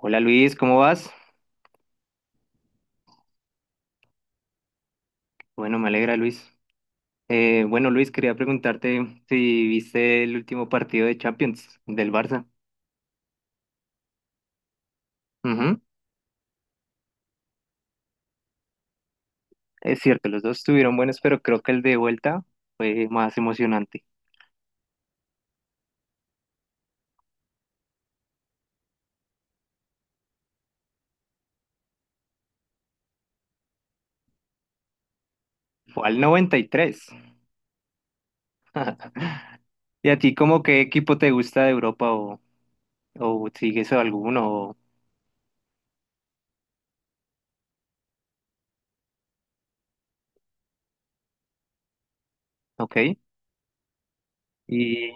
Hola Luis, ¿cómo vas? Bueno, me alegra Luis. Bueno Luis, quería preguntarte si viste el último partido de Champions del Barça. Ujú. Es cierto, los dos estuvieron buenos, pero creo que el de vuelta fue más emocionante. Fue al 93. ¿Y tres. ¿Y a ti como qué equipo te gusta de Europa o sigues a alguno? O- Ok. Y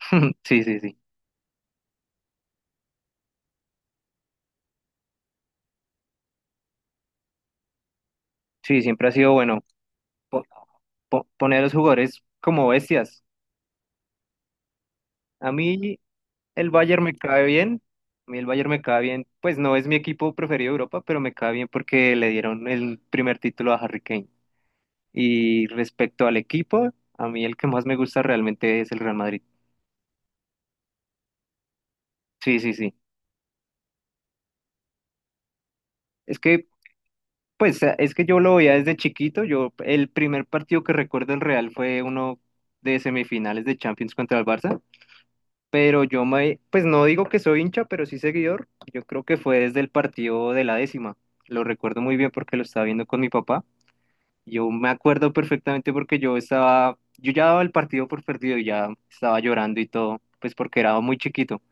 sí, sí, sí. Sí, siempre ha sido bueno po- poner a los jugadores como bestias. A mí El Bayern me cae bien. A mí el Bayern me cae bien. Pues no es mi equipo preferido de Europa, pero me cae bien porque le dieron el primer título a Harry Kane. Y respecto al equipo, a mí el que más me gusta realmente es el Real Madrid. Sí, sí, sí. Es que, pues, es que yo lo veía desde chiquito. Yo, el primer partido que recuerdo del Real fue uno de semifinales de Champions contra el Barça. Pero pues no digo que soy hincha, pero sí seguidor. Yo creo que fue desde el partido de la décima. Lo recuerdo muy bien porque lo estaba viendo con mi papá. Yo me acuerdo perfectamente porque yo estaba, yo ya daba el partido por perdido y ya estaba llorando y todo, pues porque era muy chiquito.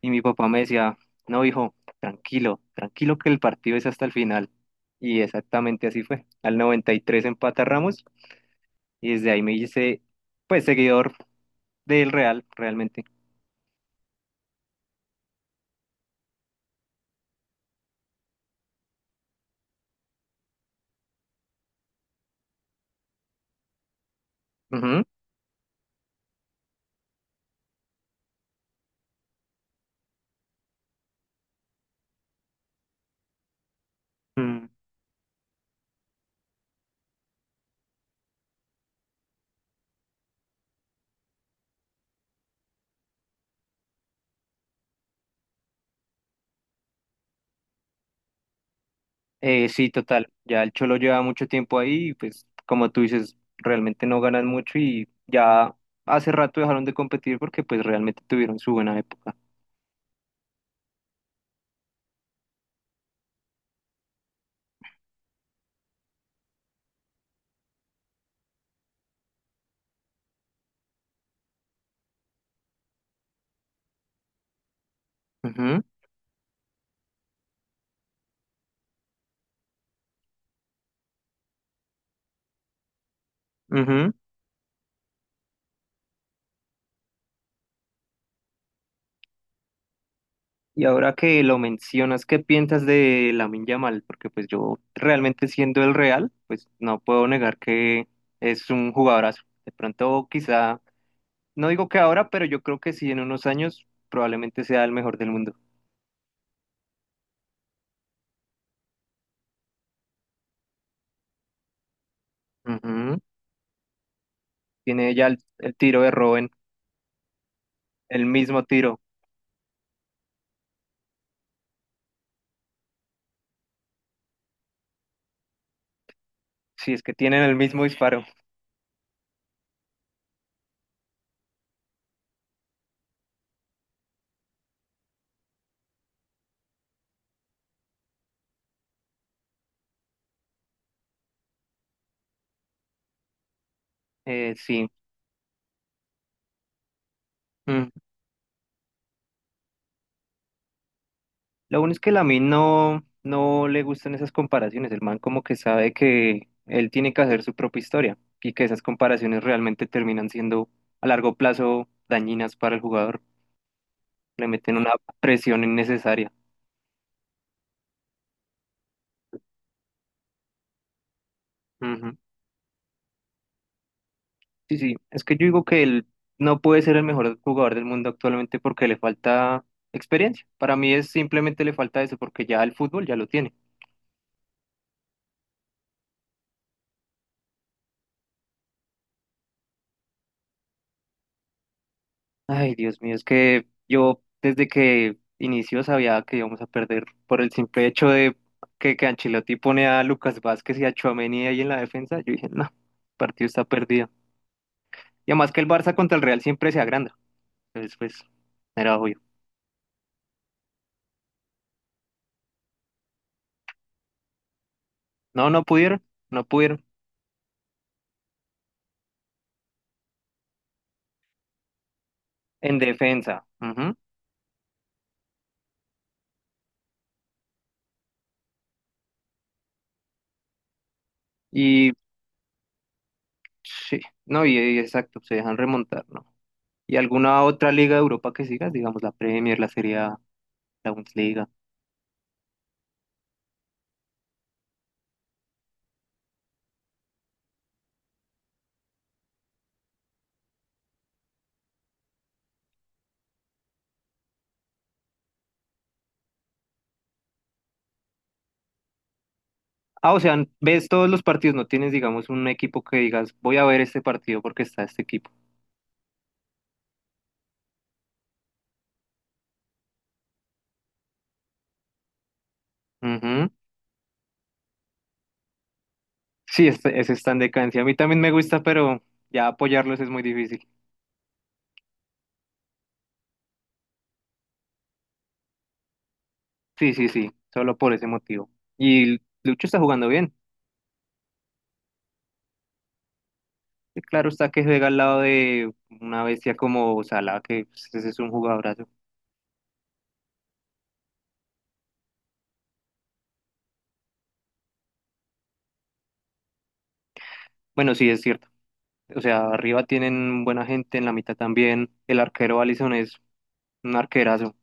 Y mi papá me decía, no, hijo, tranquilo, tranquilo que el partido es hasta el final. Y exactamente así fue. Al 93 empata Ramos y desde ahí me hice, pues, seguidor del Real, realmente. Ujú. Mm. Sí, total. Ya el Cholo lleva mucho tiempo ahí y pues como tú dices, realmente no ganan mucho y ya hace rato dejaron de competir porque pues realmente tuvieron su buena época. Ujú, ujú. Y ahora que lo mencionas, ¿qué piensas de Lamine Yamal? Porque pues yo realmente siendo el Real, pues no puedo negar que es un jugadorazo. De pronto quizá, no digo que ahora, pero yo creo que sí en unos años probablemente sea el mejor del mundo. Ujú. Tiene ya el tiro de Robben, el mismo tiro. Sí, es que tienen el mismo disparo. Sí. Mm. Lo bueno es que a mí no le gustan esas comparaciones. El man como que sabe que él tiene que hacer su propia historia y que esas comparaciones realmente terminan siendo a largo plazo dañinas para el jugador. Le meten una presión innecesaria. Ujú. Sí, sí. Es que yo digo que él no puede ser el mejor jugador del mundo actualmente porque le falta experiencia. Para mí es simplemente le falta eso porque ya el fútbol ya lo tiene. Ay, Dios mío, es que yo desde que inició sabía que íbamos a perder por el simple hecho de que Ancelotti pone a Lucas Vázquez y a Tchouaméni ahí en la defensa. Yo dije, no, el partido está perdido. Y además que el Barça contra el Real siempre se agranda. Entonces, pues, era obvio. No, no pudieron, no pudieron. En defensa, ujú. Y sí, no, y exacto, se dejan remontar, ¿no? ¿Y alguna otra liga de Europa que sigas? Digamos, la Premier, la Serie A, la Bundesliga. Ah, o sea, ves todos los partidos, no tienes, digamos, un equipo que digas, voy a ver este partido porque está este equipo. Ujú. Sí, este- ese está en decadencia. A mí también me gusta, pero ya apoyarlos es muy difícil. Sí, sí, sí, solo por ese motivo. Y Lucho está jugando bien. Y claro está que juega al lado de una bestia como Salah, que pues, ese es un jugadorazo. Bueno, sí, es cierto. O sea, arriba tienen buena gente, en la mitad también. El arquero Alisson es un arquerazo.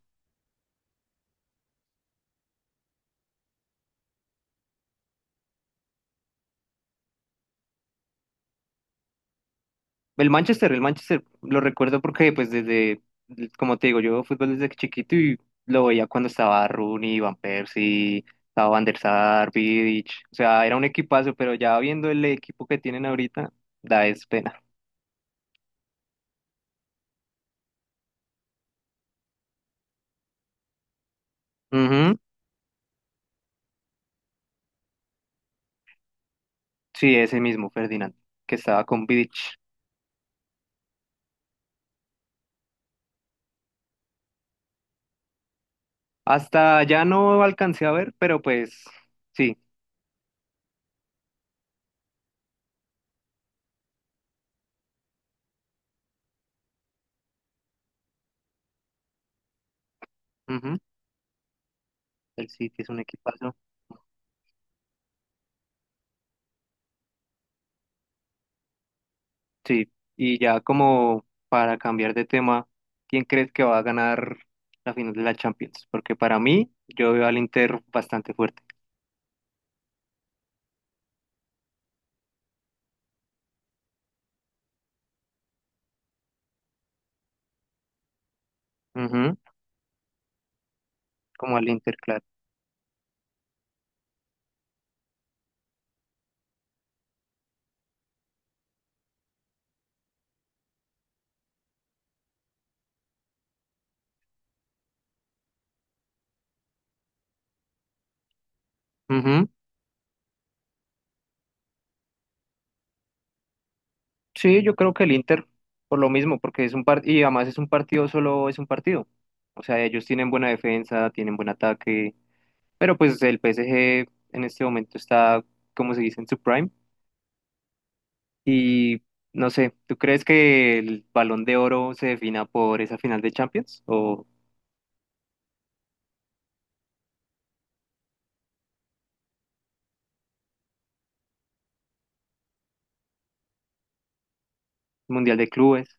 El Manchester, lo recuerdo porque, pues, desde, como te digo, yo veo fútbol desde chiquito y lo veía cuando estaba Rooney, Van Persie, estaba Van der Sar, Vidic, o sea, era un equipazo, pero ya viendo el equipo que tienen ahorita, da es pena. Ujú. Sí, ese mismo, Ferdinand, que estaba con Vidic. Hasta ya no alcancé a ver, pero pues, sí, ujú. El City es un equipazo. Sí, y ya como para cambiar de tema, ¿quién crees que va a ganar la final de la Champions? Porque para mí, yo veo al Inter bastante fuerte. Ujú. Como al Inter, claro. Ujú. Sí, yo creo que el Inter, por lo mismo, porque es un partido, y además es un partido, solo es un partido. O sea, ellos tienen buena defensa, tienen buen ataque, pero pues el PSG en este momento está, como se dice, en su prime. Y no sé, ¿tú crees que el Balón de Oro se defina por esa final de Champions? ¿O Mundial de Clubes.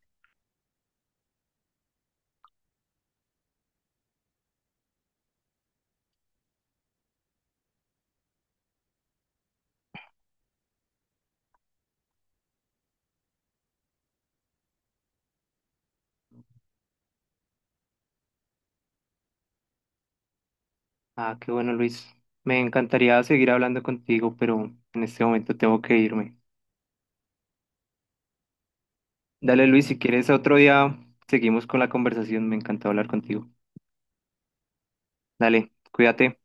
Ah, qué bueno, Luis. Me encantaría seguir hablando contigo, pero en este momento tengo que irme. Dale, Luis, si quieres otro día, seguimos con la conversación. Me encantó hablar contigo. Dale, cuídate.